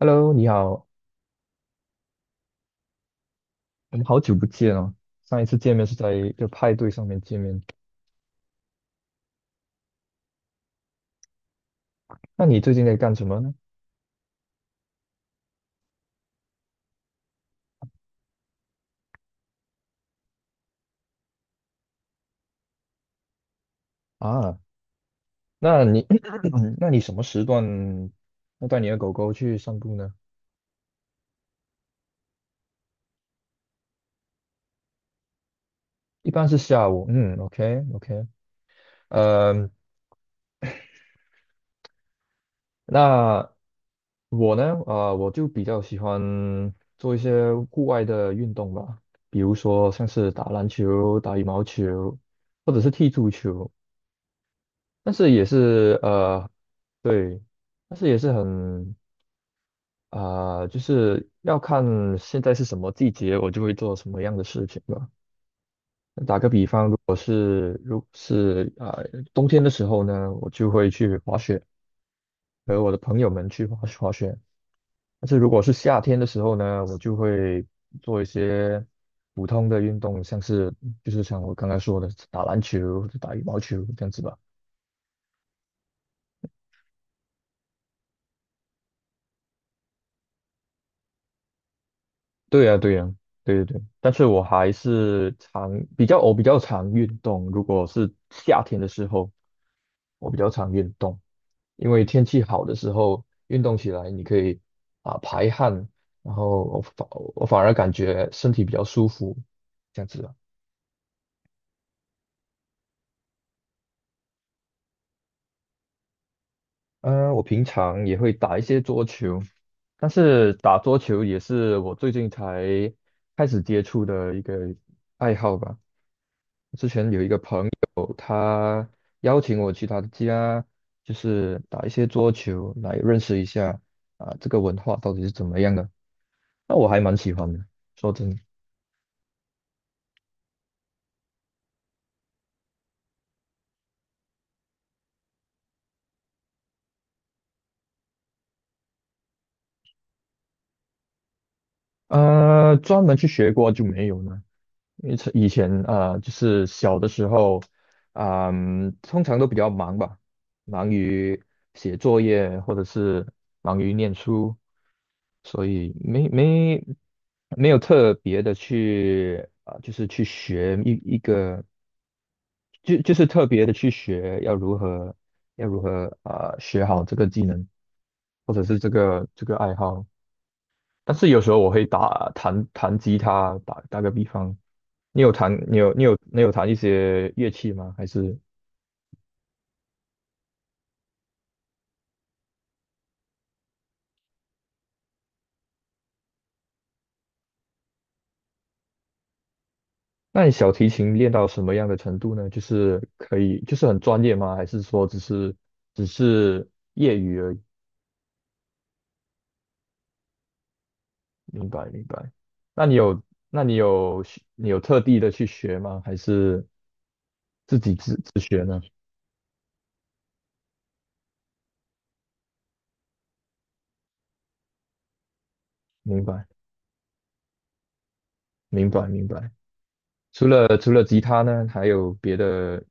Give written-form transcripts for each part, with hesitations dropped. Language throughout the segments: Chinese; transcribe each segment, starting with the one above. Hello，你好，我们好久不见哦。上一次见面是在一个派对上面见面，那你最近在干什么呢？啊，那你 那你什么时段要带你的狗狗去散步呢？一般是下午，嗯，OK OK。呃，那我呢，我就比较喜欢做一些户外的运动吧，比如说像是打篮球、打羽毛球，或者是踢足球。但是也是对，但是也是很就是要看现在是什么季节，我就会做什么样的事情吧。是啊、冬天的时候呢，我就会去滑雪，和我的朋友们去滑滑雪。但是如果是夏天的时候呢，我就会做一些普通的运动，像是就是像我刚刚说的打篮球、打羽毛球这样子吧。对呀，对呀，对对对，但是我还是常比较常运动，如果是夏天的时候，我比较常运动，因为天气好的时候运动起来，你可以排汗，然后我反而感觉身体比较舒服，这样子啊。我平常也会打一些桌球，但是打桌球也是我最近才开始接触的一个爱好吧。邀请我去他的家，就是打一些桌球来认识一下啊，这个文化到底是怎么样的。那我还蛮喜欢的，说真的。专门去学过就没有呢。因为是以前啊就是小的时候，通常都比较忙吧，忙于写作业或者是忙于念书，所以没有特别的去就是去学一个，就是特别的去学要如何学好这个技能，或者是这个爱好。但是有时候我会弹弹吉他，打个比方，你有弹你有你有你有弹一些乐器吗？还是那你小提琴练到什么样的程度呢？就是可以就是很专业吗？还是说只是。明白明白？那你有那你有你有特地的去学吗？还是自己学呢？明白明白明白。除了吉他呢，还有别的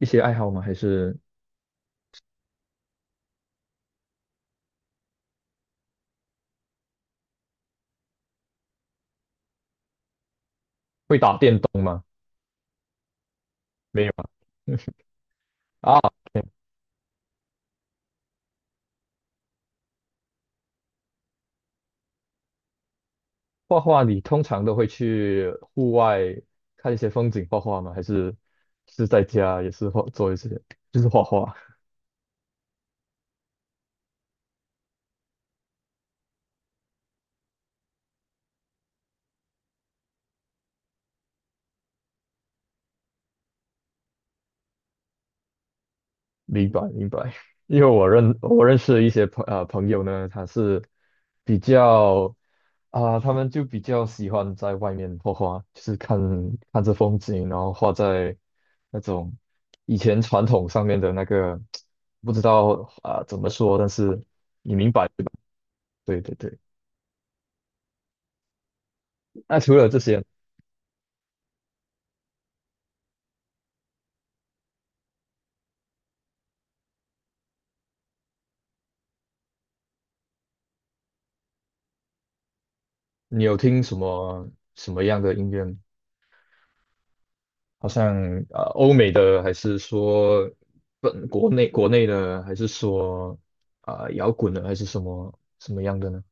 一些爱好吗？还是会打电动吗？没有啊？啊，画画你通常都会去户外看一些风景画画吗？还是是在家也是画做一些就是画画？明白明白。因为我认识一些朋友呢，他是比较他们就比较喜欢在外面画画，就是看着风景，然后画在那种以前传统上面的那个，不知道啊、怎么说，但是对对对。那除了这些。你有听什么样的音乐吗？好像欧美的，还是说本国内国内的，还是说摇滚的，还是什么样的呢？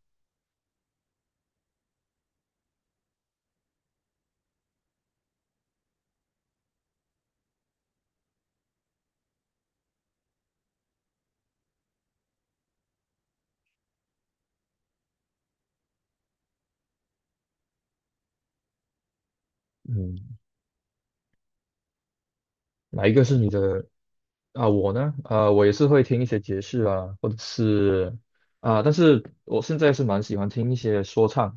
嗯，哪一个是你的？啊？我呢？我也是会听一些爵士啊，或者是但是我现在是蛮喜欢听一些说唱。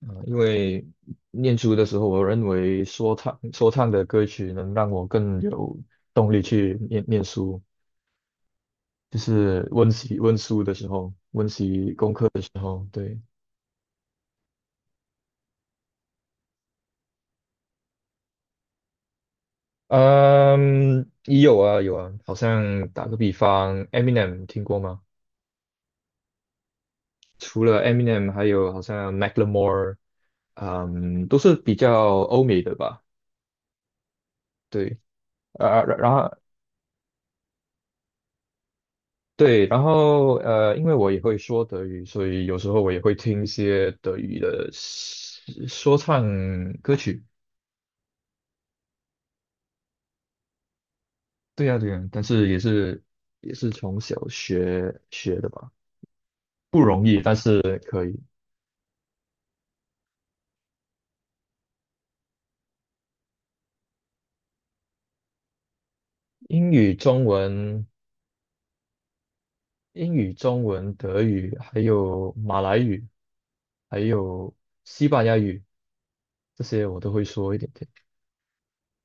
因为念书的时候，我认为说唱的歌曲能让我更有动力去念念书。就是温习温书的时候，温习功课的时候，对。嗯，也有啊有啊，好像打个比方，Eminem 听过吗？除了 Eminem，还有好像 Macklemore，都是比较欧美的吧，对。啊，然然后对，然后因为我也会说德语，所以有时候我也会听一些德语的说唱歌曲。对呀对呀，但是也是从小学学的吧。不容易，但是可以。英语、中文、英语、中文、德语，还有马来语，还有西班牙语，这些我都会说一点点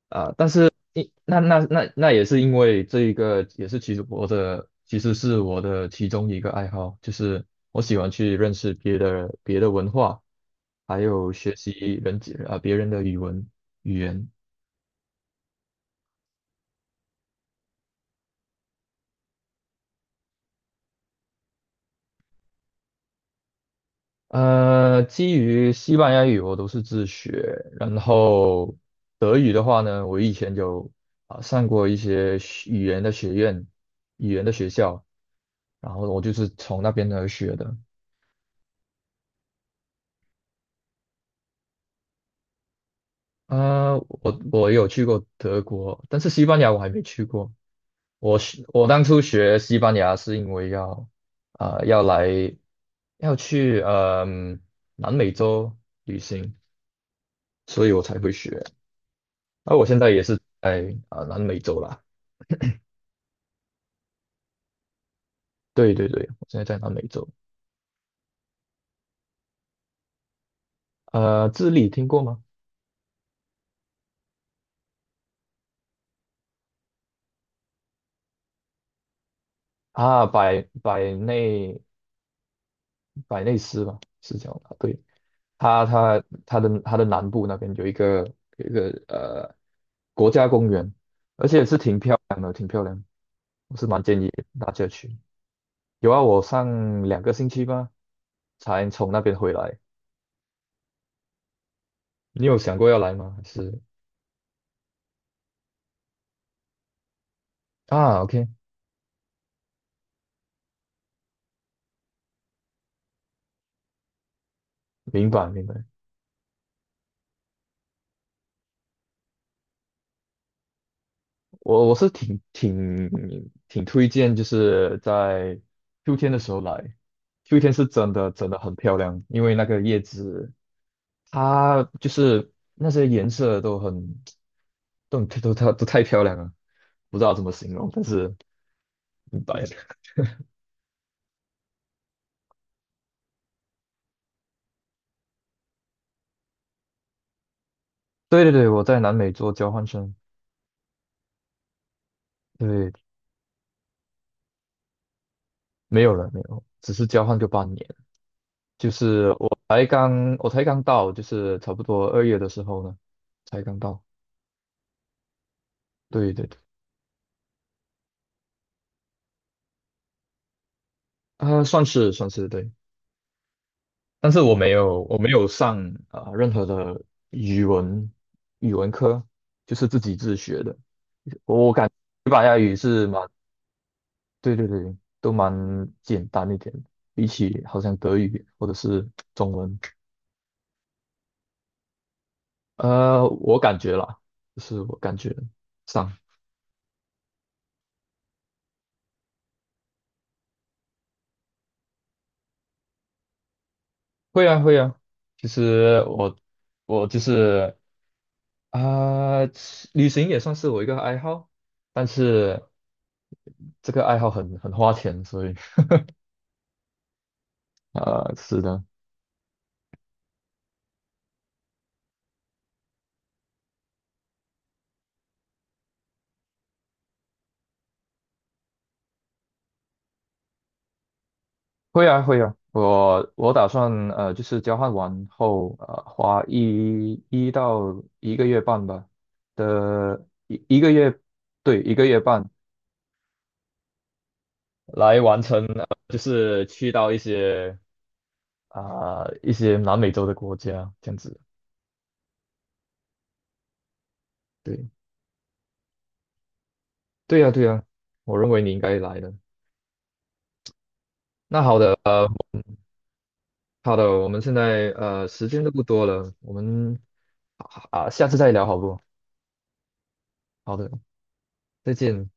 啊。但是，一那那那那也是因为这一个，也是其实是我的其中一个爱好，就是我喜欢去认识别的文化，还有学习人别人的语言。基于西班牙语我都是自学，然后德语的话呢，我以前有上过一些学语言的语言的学校，然后我就是从那边而学的。啊，我有去过德国，但是西班牙我还没去过。我当初学西班牙是因为要啊、呃要来要去南美洲旅行，所以我才会学。而我现在也是在南美洲啦。对对对，我现在在南美洲。智利听过吗？啊，百内斯吧，是叫吧？对，它的南部那边有一个有一个呃国家公园，而且是挺漂亮的，挺漂亮。我是蛮建议大家去。有啊，我上2个星期吧，才从那边回来。你有想过要来吗？还是啊？OK，明白明白。我是挺推荐，就是在秋天的时候来，秋天是真的真的很漂亮，因为那个叶子它就是那些颜色都很都很都它都太漂亮了，不知道怎么形容，但是明白了 对对对，我在南美做交换生。对，没有了没有，只是交换个半年，就是我才刚到，就是差不多2月的时候呢，才刚到。对对对，算是对。但是我没有上任何的语文语文科，就是自己自学的。我感觉西班牙语是蛮，对对对，都蛮简单一点的比起好像德语或者是中文。我感觉啦，就是我感觉上会啊会啊，其实我就是啊、旅行也算是我一个爱好，但是这个爱好很花钱，所以是的。会啊会啊，我打算就是交换完后花一到一个月半吧的一个月。对，一个月半来完成，就是去到一些南美洲的国家这样子。对对呀对呀，我认为你应该来的。那好的好的，我们现在时间都不多了，我们啊下次再聊好不好？好的，再见。